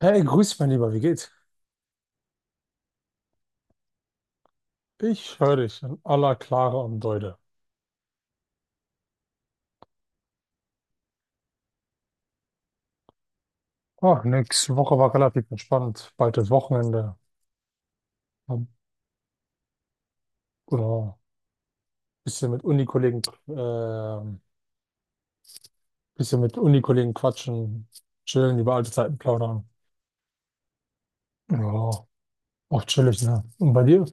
Hey, grüß mein Lieber, wie geht's? Ich höre dich in aller Klare und Deute. Ach, nix. Woche war relativ entspannt. Bald das Wochenende. Hab, ja, bisschen mit ähm, Unikollegen quatschen, chillen, über alte Zeiten plaudern. Ja, auch chillig, ne? Und bei dir?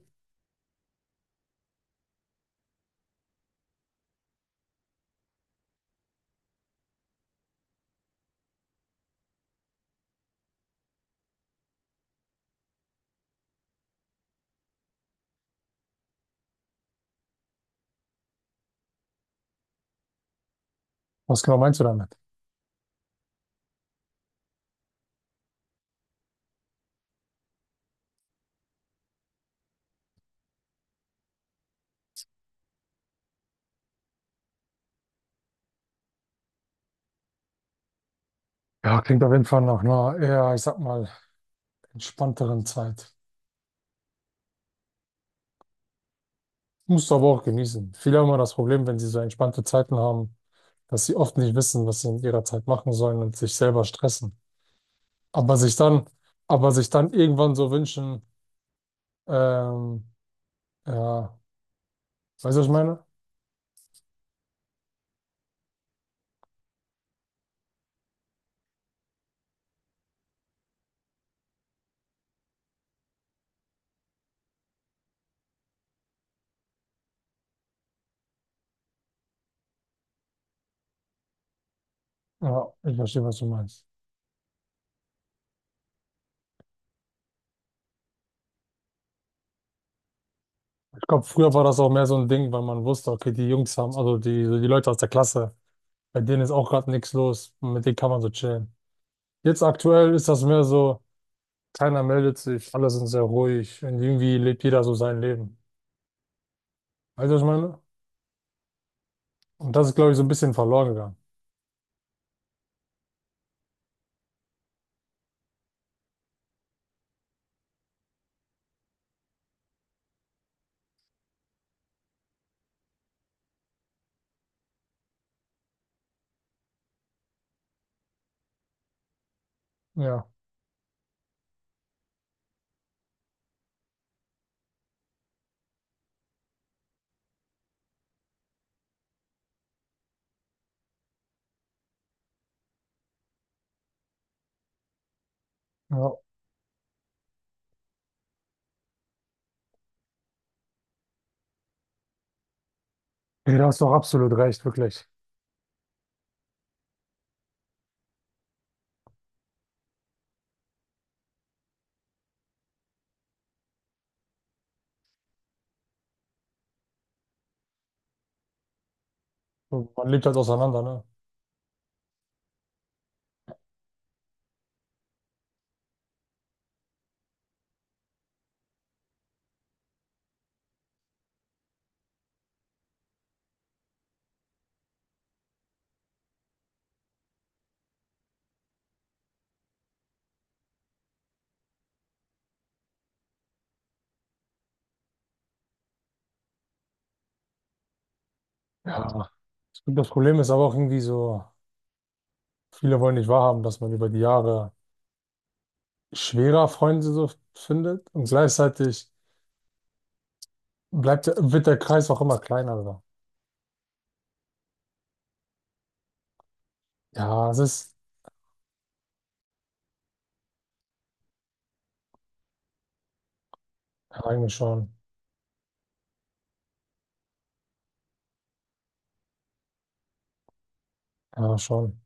Was genau meinst du damit? Ja, klingt auf jeden Fall nach einer eher, ich sag mal, entspannteren Zeit. Musst du aber auch genießen. Viele haben immer das Problem, wenn sie so entspannte Zeiten haben, dass sie oft nicht wissen, was sie in ihrer Zeit machen sollen und sich selber stressen. Aber sich dann, aber sich dann irgendwann so wünschen, ähm, ja, weißt du, was ich meine? Ja, ich verstehe, was du meinst. Ich glaube, früher war das auch mehr so ein Ding, weil man wusste, okay, die Jungs haben, also die Leute aus der Klasse, bei denen ist auch gerade nichts los, mit denen kann man so chillen. Jetzt aktuell ist das mehr so, keiner meldet sich, alle sind sehr ruhig und irgendwie lebt jeder so sein Leben. Weißt du, was ich meine? Und das ist, glaube ich, so ein bisschen verloren gegangen. Ja, ja. Ey, da hast du auch absolut recht, wirklich. So, man lebt halt auseinander, ne? Ja. Ich glaub, das Problem ist aber auch irgendwie so, viele wollen nicht wahrhaben, dass man über die Jahre schwerer Freunde so findet und gleichzeitig bleibt, wird der Kreis auch immer kleiner. Also. Ja, es ist ja, eigentlich schon. Ja, schon.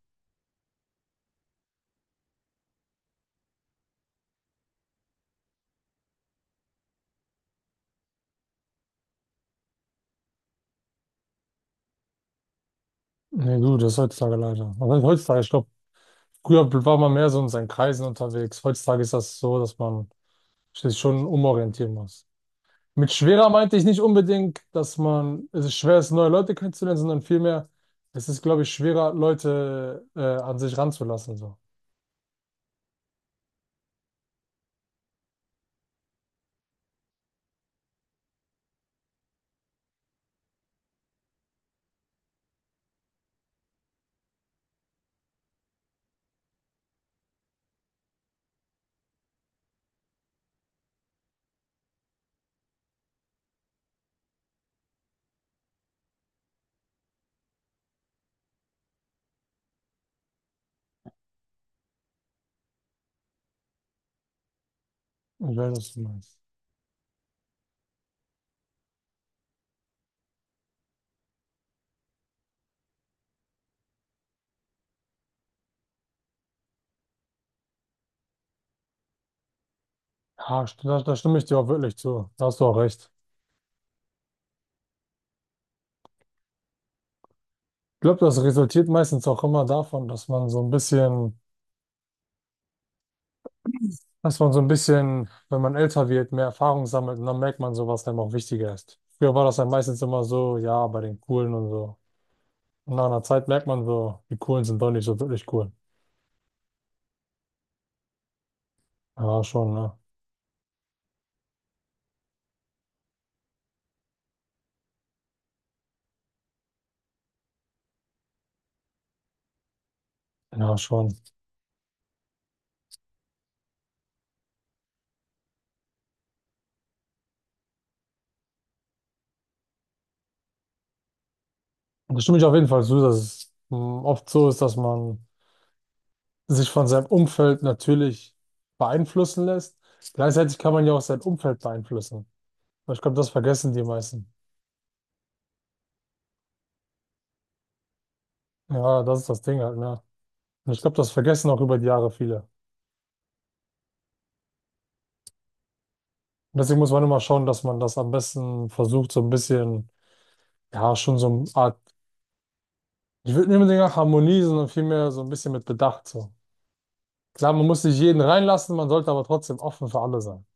Nee, du, das ist heutzutage leider. Was heißt heutzutage? Ich glaube, früher war man mehr so in seinen Kreisen unterwegs. Heutzutage ist das so, dass man sich schon umorientieren muss. Mit schwerer meinte ich nicht unbedingt, dass man, es ist schwer ist, neue Leute kennenzulernen, sondern vielmehr, es ist, glaube ich, schwerer, Leute an sich ranzulassen. So. Ich weiß, was du meinst. Ja, da, da stimme ich dir auch wirklich zu. Da hast du auch recht. Ich glaube, das resultiert meistens auch immer davon, dass man so ein bisschen, dass man so ein bisschen, wenn man älter wird, mehr Erfahrung sammelt und dann merkt man so, was einem auch wichtiger ist. Früher war das ja meistens immer so, ja, bei den Coolen und so. Und nach einer Zeit merkt man so, die Coolen sind doch nicht so wirklich cool. Ja, schon, ne? Ja, schon. Und da stimme ich auf jeden Fall zu, dass es oft so ist, dass man sich von seinem Umfeld natürlich beeinflussen lässt. Gleichzeitig kann man ja auch sein Umfeld beeinflussen. Aber ich glaube, das vergessen die meisten. Ja, das ist das Ding halt, ne? Und ich glaube, das vergessen auch über die Jahre viele. Und deswegen muss man immer schauen, dass man das am besten versucht, so ein bisschen, ja, schon so eine Art, ich würde nicht unbedingt nach Harmonie, sondern vielmehr so ein bisschen mit Bedacht, so. Klar, man muss nicht jeden reinlassen, man sollte aber trotzdem offen für alle sein.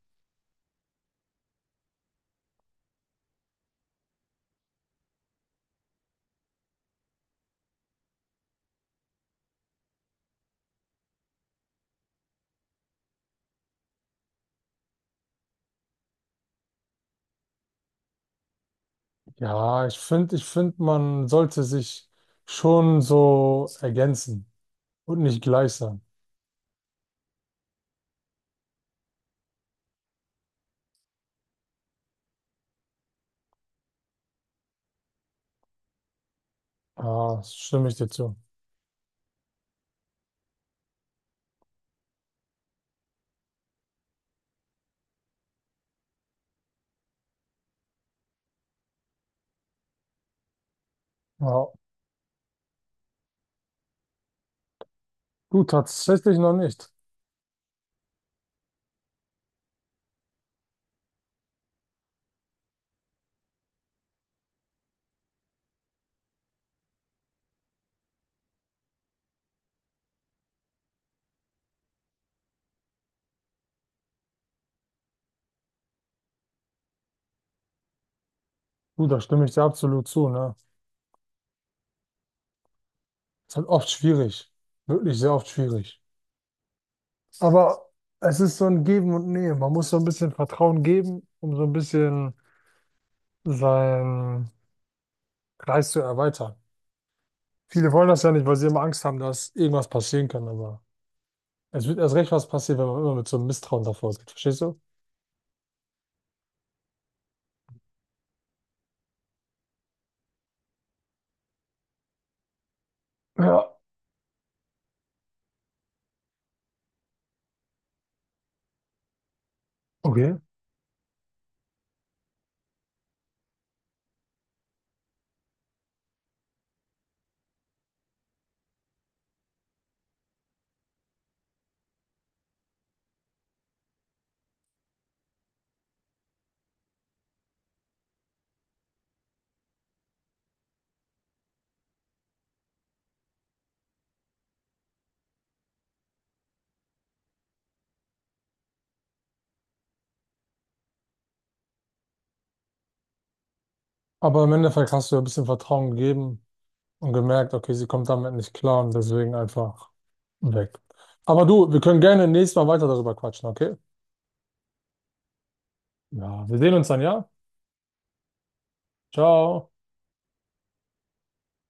Ja, ich finde, man sollte sich schon so ergänzen und nicht gleich sein. Ja, stimme ich dir zu. Ja, du tatsächlich noch nicht. Du, da stimme ich dir absolut zu, ne? Ist halt oft schwierig. Wirklich sehr oft schwierig. Aber es ist so ein Geben und Nehmen. Man muss so ein bisschen Vertrauen geben, um so ein bisschen seinen Kreis zu erweitern. Viele wollen das ja nicht, weil sie immer Angst haben, dass irgendwas passieren kann, aber es wird erst recht was passieren, wenn man immer mit so einem Misstrauen davor geht. Verstehst du? Ja, okay. Aber im Endeffekt hast du ja ein bisschen Vertrauen gegeben und gemerkt, okay, sie kommt damit nicht klar und deswegen einfach. Weg. Aber du, wir können gerne nächstes Mal weiter darüber quatschen, okay? Ja, wir sehen uns dann, ja? Ciao.